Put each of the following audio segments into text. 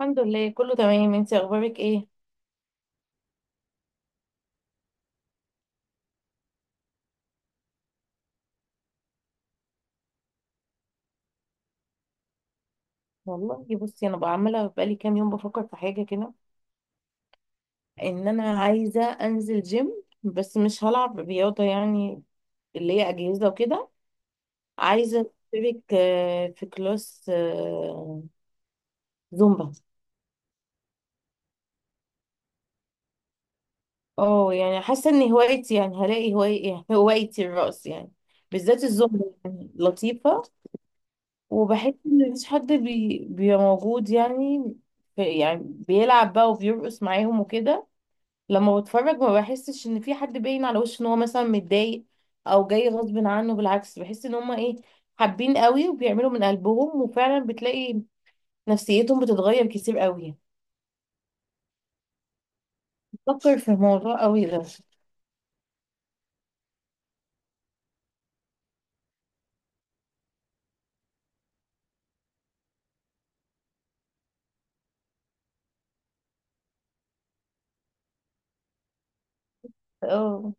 الحمد لله، كله تمام. انت اخبارك ايه؟ والله بصي، انا بقى عماله بقالي كام يوم بفكر في حاجه كده. ان انا عايزه انزل جيم بس مش هلعب رياضه يعني اللي هي اجهزه وكده. عايزه اشترك في كلاس زومبا. اه يعني حاسه ان هوايتي يعني هوايتي الرقص يعني. بالذات الزومبا يعني لطيفه. وبحس ان مفيش حد بيبقى موجود يعني. يعني بيلعب بقى وبيرقص معاهم وكده. لما بتفرج ما بحسش ان في حد باين على وشه ان هو مثلا متضايق او جاي غصب عنه. بالعكس، بحس ان هما ايه، حابين قوي وبيعملوا من قلبهم، وفعلا بتلاقي نفسيتهم بتتغير كتير قوي. بفكر في الموضوع قوي ده. اه.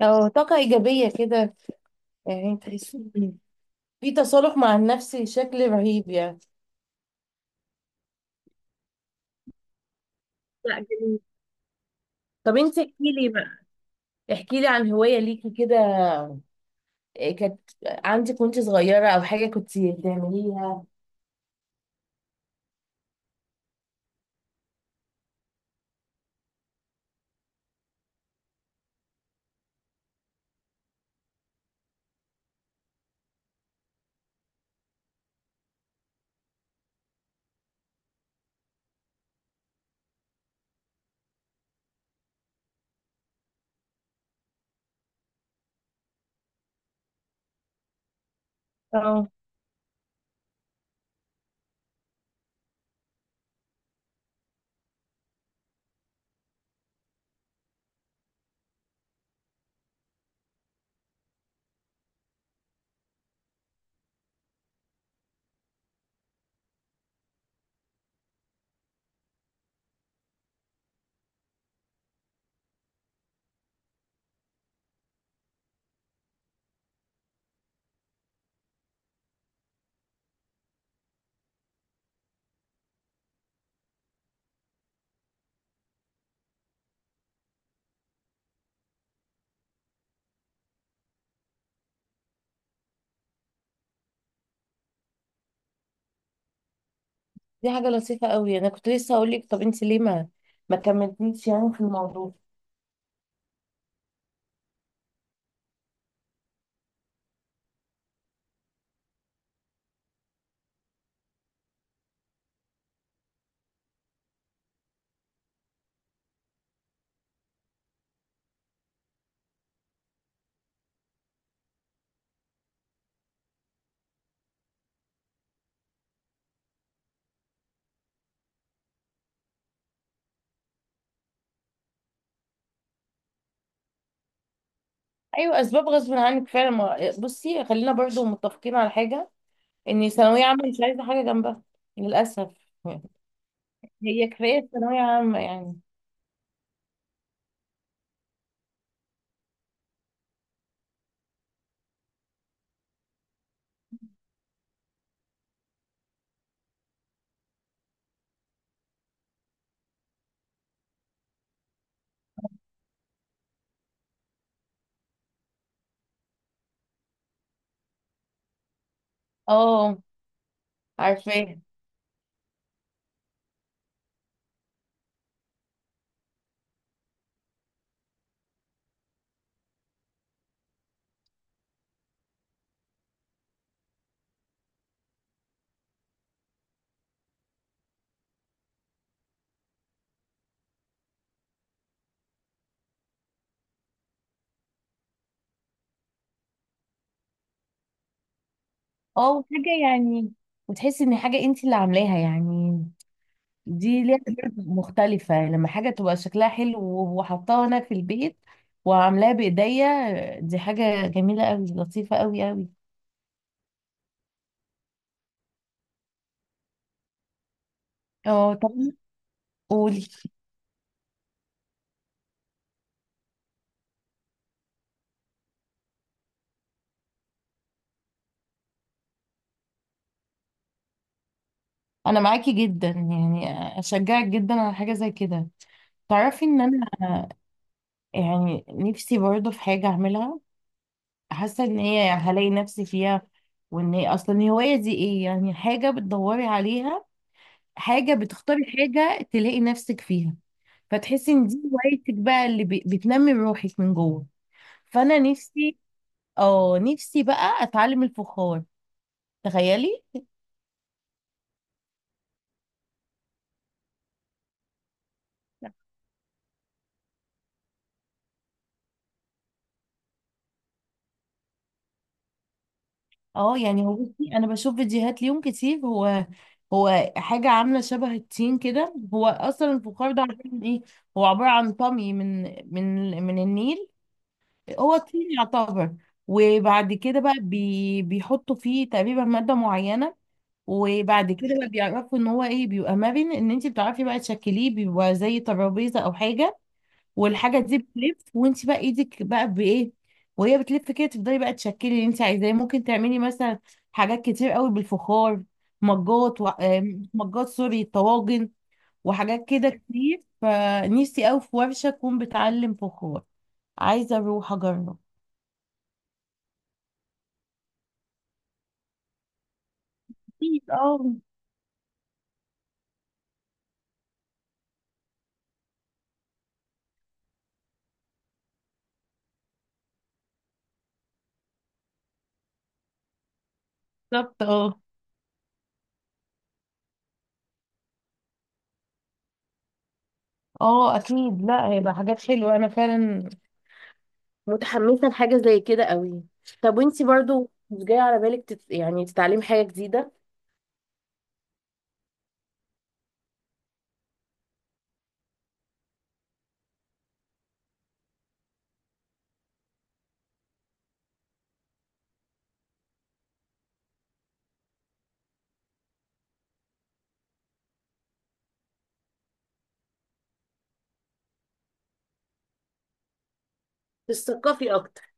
اه، طاقة ايجابية كده. يعني تحس إن في تصالح مع النفس بشكل رهيب يعني. لا جميل. طب انت احكي لي بقى، احكي لي عن هواية ليكي كده. إيه كانت عندك وانت صغيرة او حاجة كنت بتعمليها؟ دي حاجة لطيفة قوي. انا كنت لسه هقول لك طب انت ليه ما كملتيش يعني في الموضوع؟ ايوه اسباب غصب عنك فعلا. بصي خلينا برضو متفقين على حاجة، ان ثانوية عامة مش عايزة حاجة جنبها للأسف. هي كفاية ثانوية عامة يعني. اه عارفاها. اه حاجة يعني، وتحسي ان حاجة انت اللي عاملاها يعني. دي ليها طبع مختلفة لما حاجة تبقى شكلها حلو وحطاها انا في البيت وعاملاها بايديا. دي حاجة جميلة قوي، لطيفة قوي قوي. اه طب قولي. انا معاكي جدا يعني، اشجعك جدا على حاجه زي كده. تعرفي ان انا يعني نفسي برضه في حاجه اعملها، حاسه ان هي هلاقي نفسي فيها. وان هي اصلا الهوايه دي ايه يعني؟ حاجه بتدوري عليها، حاجه بتختاري حاجه تلاقي نفسك فيها، فتحسي ان دي هوايتك بقى اللي بتنمي روحك من جوه. فانا نفسي، اه نفسي بقى اتعلم الفخار. تخيلي. اه يعني هو بصي انا بشوف فيديوهات ليهم كتير. هو هو حاجه عامله شبه التين كده. هو اصلا الفخار ده عباره عن ايه؟ هو عباره عن طمي من من النيل. هو طين يعتبر. وبعد كده بقى بيحطوا فيه تقريبا ماده معينه. وبعد كده بقى بيعرفوا ان هو ايه، بيبقى مرن، ان انت بتعرفي بقى تشكليه. بيبقى زي ترابيزه او حاجه، والحاجه دي بتلف وانت بقى ايدك بقى بايه، وهي بتلف كده. تفضلي بقى تشكلي اللي انت عايزاه. ممكن تعملي مثلا حاجات كتير قوي بالفخار: مجات و... آم، مجات، سوري، طواجن، وحاجات كده كتير. فنفسي قوي في ورشه تكون بتعلم فخار. عايزه اروح اجرب. اكيد اه. بالظبط اه. اه اكيد، لا هيبقى حاجات حلوه. انا فعلا متحمسه لحاجه زي كده قوي. طب وانتي برضو مش جاي على بالك يعني تتعلمي حاجه جديده، تثقفي اكتر؟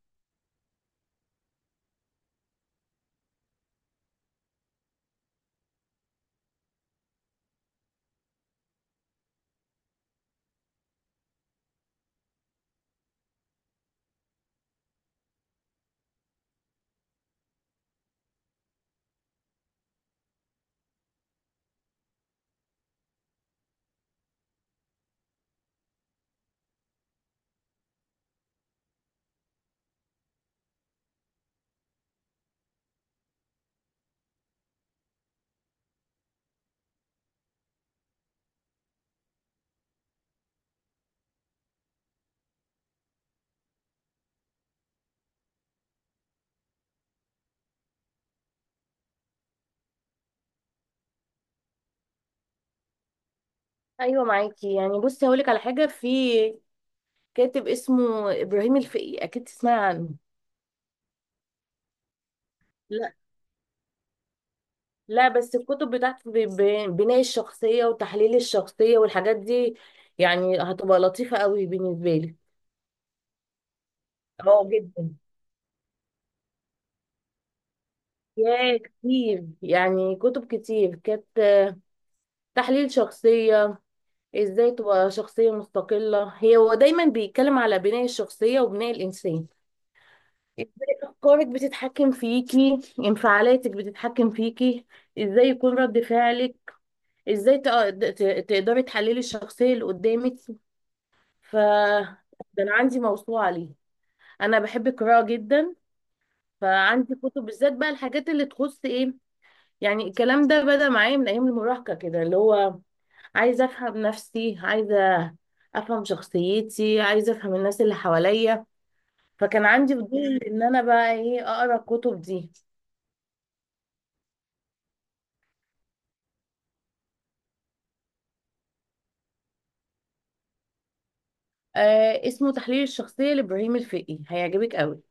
ايوه معاكي يعني. بصي هقولك على حاجه، في كاتب اسمه ابراهيم الفقي، اكيد تسمعي عنه. لا لا بس الكتب بتاعته بناء الشخصيه وتحليل الشخصيه والحاجات دي، يعني هتبقى لطيفه قوي بالنسبه لي. اه جدا. يا كتير يعني، كتب كتير كانت تحليل شخصيه، ازاي تبقى شخصيه مستقله. هي هو دايما بيتكلم على بناء الشخصيه وبناء الانسان. ازاي افكارك بتتحكم فيكي، انفعالاتك بتتحكم فيكي، ازاي يكون رد فعلك، ازاي تقدري تحللي الشخصية اللي قدامك. ف ده انا عندي موسوعة ليه. انا بحب القراءة جدا. فعندي كتب بالذات بقى الحاجات اللي تخص ايه، يعني الكلام ده بدأ معايا من ايام المراهقة كده اللي هو عايزة افهم نفسي، عايزة افهم شخصيتي، عايزة افهم الناس اللي حواليا. فكان عندي فضول ان انا بقى ايه اقرا الكتب دي. آه اسمه تحليل الشخصية لإبراهيم الفقي، هيعجبك قوي.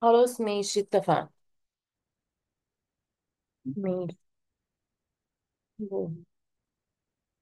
خلاص ماشي، اتفقنا. ماشي.